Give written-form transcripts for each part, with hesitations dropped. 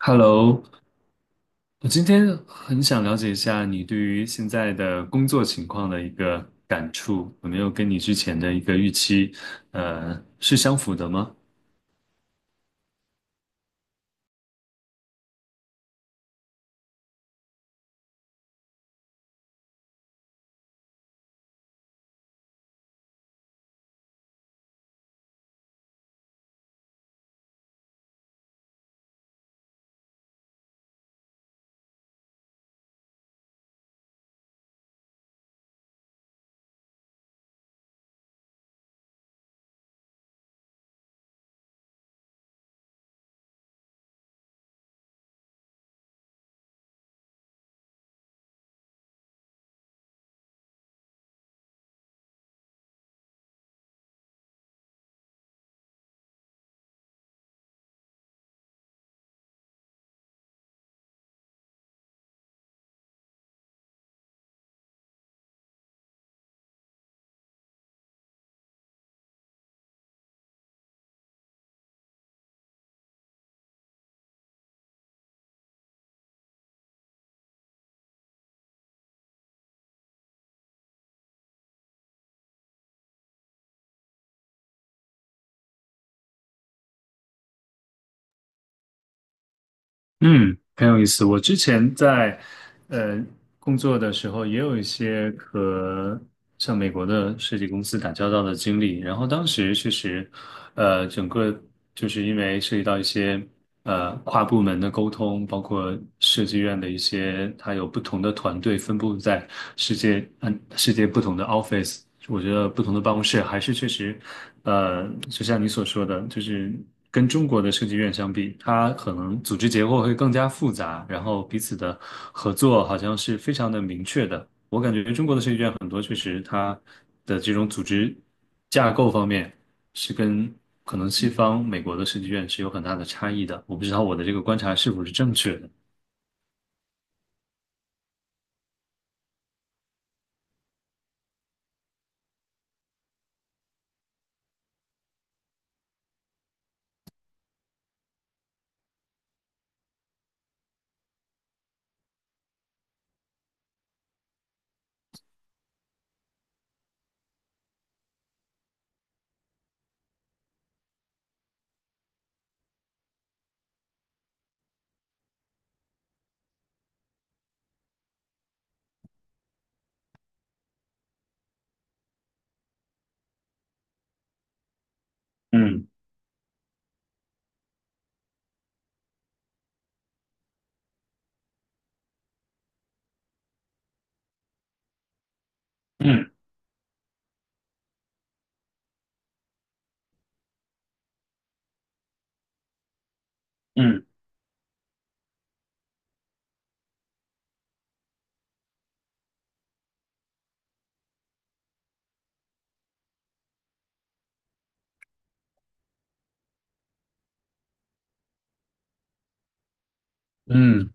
Hello，我今天很想了解一下你对于现在的工作情况的一个感触，有没有跟你之前的一个预期，是相符的吗？嗯，很有意思。我之前在呃工作的时候，也有一些和像美国的设计公司打交道的经历。然后当时确实，整个就是因为涉及到一些跨部门的沟通，包括设计院的一些，它有不同的团队分布在世界不同的 office。我觉得不同的办公室还是确实，呃，就像你所说的，就是。跟中国的设计院相比，它可能组织结构会更加复杂，然后彼此的合作好像是非常的明确的。我感觉中国的设计院很多确实它的这种组织架构方面是跟可能西方美国的设计院是有很大的差异的。我不知道我的这个观察是否是正确的。嗯嗯嗯嗯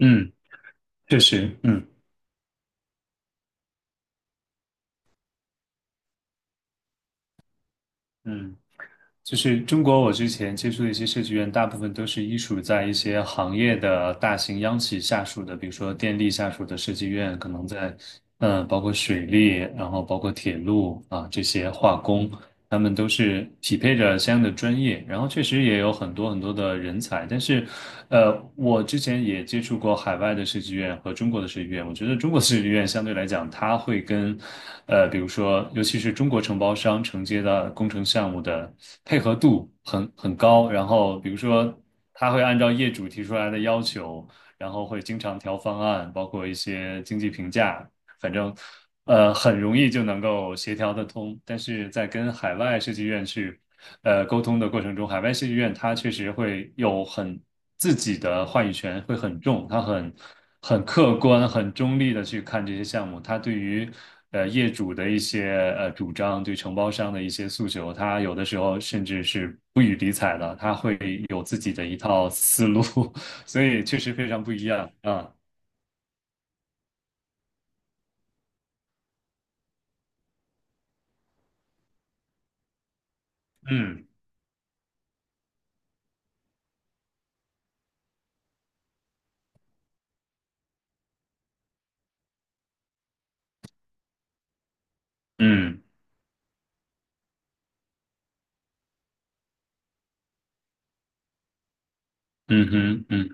嗯，确实，嗯嗯。就是中国，我之前接触的一些设计院，大部分都是依属在一些行业的大型央企下属的，比如说电力下属的设计院，可能在，嗯、包括水利，然后包括铁路啊这些化工，他们都是匹配着相应的专业，然后确实也有很多很多的人才，但是我之前也接触过海外的设计院和中国的设计院。我觉得中国的设计院相对来讲，它会跟，呃，比如说，尤其是中国承包商承接的工程项目的配合度很高。然后，比如说，他会按照业主提出来的要求，然后会经常调方案，包括一些经济评价，反正，很容易就能够协调得通。但是在跟海外设计院去沟通的过程中，海外戏剧院它确实会有很自己的话语权会很重，它很很客观、很中立的去看这些项目，它对于业主的一些主张，对承包商的一些诉求，它有的时候甚至是不予理睬的，它会有自己的一套思路，所以确实非常不一样啊，嗯嗯嗯哼嗯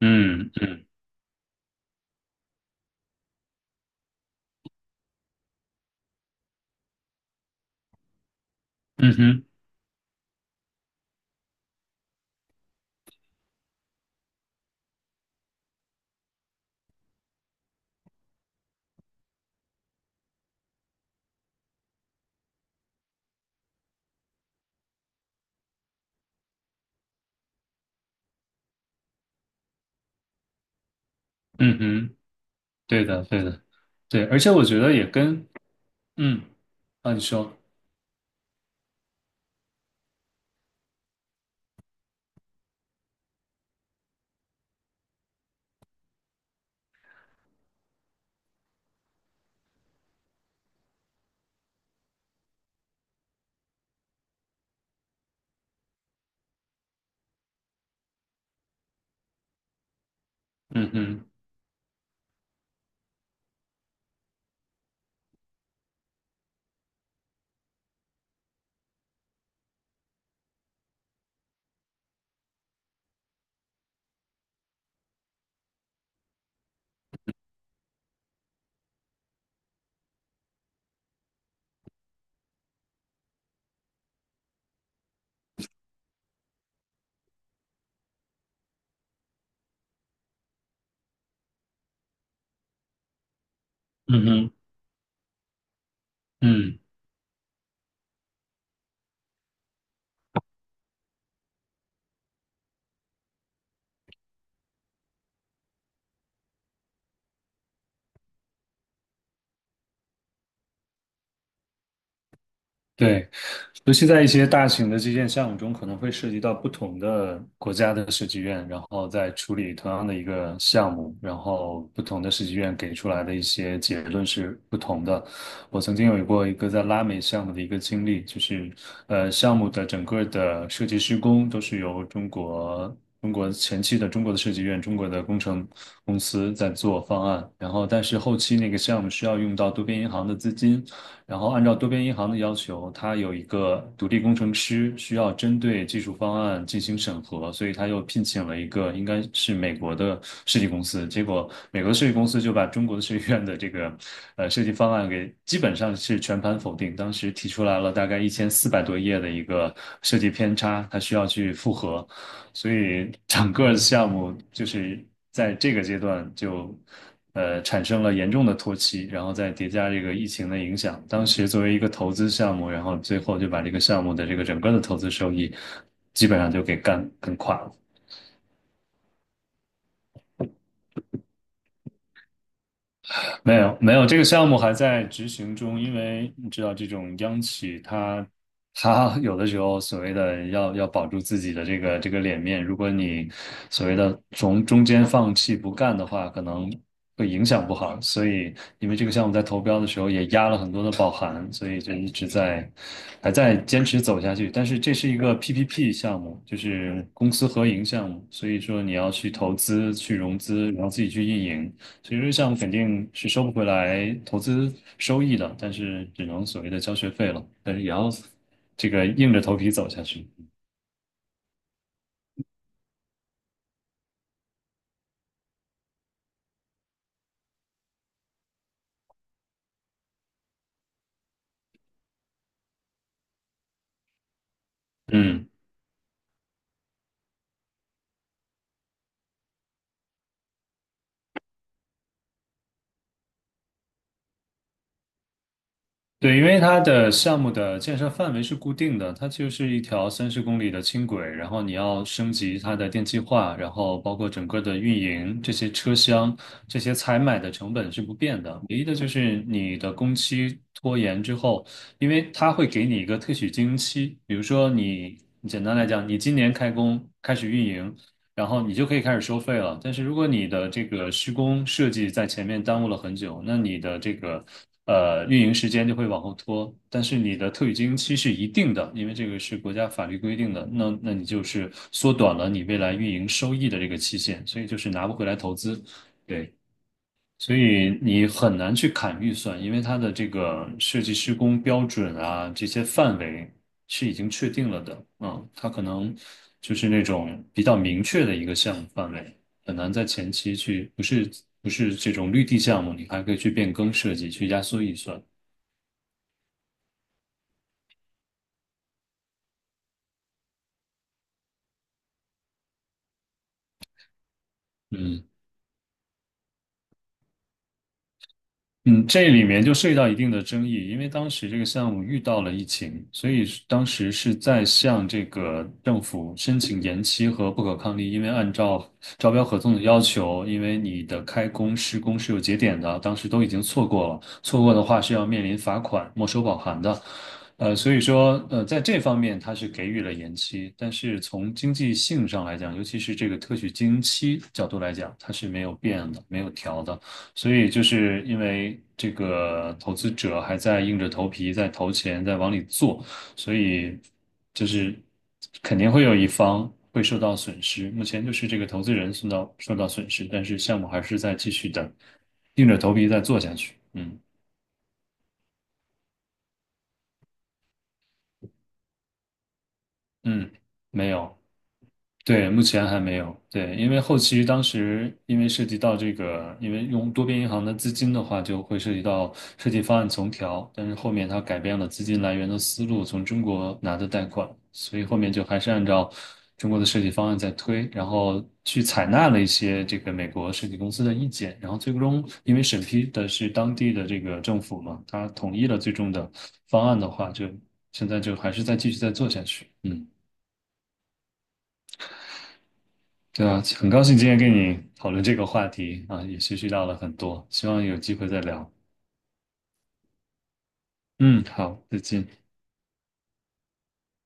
嗯嗯嗯哼嗯哼，对的对的。对，而且我觉得也跟嗯啊，你说，嗯哼，嗯哼，嗯，对。尤其在一些大型的基建项目中，可能会涉及到不同的国家的设计院，然后在处理同样的一个项目，然后不同的设计院给出来的一些结论是不同的。我曾经有过一个在拉美项目的一个经历，就是项目的整个的设计施工都是由中国。中国前期的中国的设计院、中国的工程公司在做方案，然后但是后期那个项目需要用到多边银行的资金，然后按照多边银行的要求，它有一个独立工程师需要针对技术方案进行审核，所以他又聘请了一个应该是美国的设计公司。结果美国的设计公司就把中国的设计院的这个设计方案给基本上是全盘否定。当时提出来了大概1400多页的一个设计偏差，他需要去复核。所以整个项目就是在这个阶段就产生了严重的拖期，然后再叠加这个疫情的影响，当时作为一个投资项目，然后最后就把这个项目的这个整个的投资收益基本上就给干垮了。没有没有，这个项目还在执行中，因为你知道这种央企它，它有的时候所谓的要保住自己的这个脸面，如果你所谓的从中间放弃不干的话，可能会影响不好。所以因为这个项目在投标的时候也压了很多的保函，所以就一直在还在坚持走下去。但是这是一个 PPP 项目，就是公私合营项目，所以说你要去投资、去融资，然后自己去运营。其实项目肯定是收不回来投资收益的，但是只能所谓的交学费了，但是也要这个硬着头皮走下去。嗯。对，因为它的项目的建设范围是固定的，它就是一条30公里的轻轨，然后你要升级它的电气化，然后包括整个的运营，这些车厢、这些采买的成本是不变的，唯一的就是你的工期拖延之后，因为它会给你一个特许经营期，比如说你，简单来讲，你今年开工开始运营。然后你就可以开始收费了。但是如果你的这个施工设计在前面耽误了很久，那你的这个运营时间就会往后拖。但是你的特许经营期是一定的，因为这个是国家法律规定的。那你就是缩短了你未来运营收益的这个期限，所以就是拿不回来投资。对。所以你很难去砍预算，因为它的这个设计施工标准啊，这些范围是已经确定了的。嗯，它可能就是那种比较明确的一个项目范围，很难在前期去，不是这种绿地项目，你还可以去变更设计，去压缩预算。嗯。嗯，这里面就涉及到一定的争议，因为当时这个项目遇到了疫情，所以是当时是在向这个政府申请延期和不可抗力，因为按照招标合同的要求，因为你的开工施工是有节点的，当时都已经错过了，错过的话是要面临罚款、没收保函的。所以说，在这方面它是给予了延期，但是从经济性上来讲，尤其是这个特许经营期角度来讲，它是没有变的，没有调的。所以就是因为这个投资者还在硬着头皮在投钱，在往里做，所以就是肯定会有一方会受到损失。目前就是这个投资人受到损失，但是项目还是在继续的硬着头皮在做下去。嗯嗯，没有。对，目前还没有。对，因为后期当时因为涉及到这个，因为用多边银行的资金的话，就会涉及到设计方案重调。但是后面它改变了资金来源的思路，从中国拿的贷款，所以后面就还是按照中国的设计方案在推，然后去采纳了一些这个美国设计公司的意见，然后最终因为审批的是当地的这个政府嘛，他统一了最终的方案的话，就现在就还是再继续再做下去。嗯。对啊，很高兴今天跟你讨论这个话题啊，也学习到了很多，希望有机会再聊。嗯，好，再见。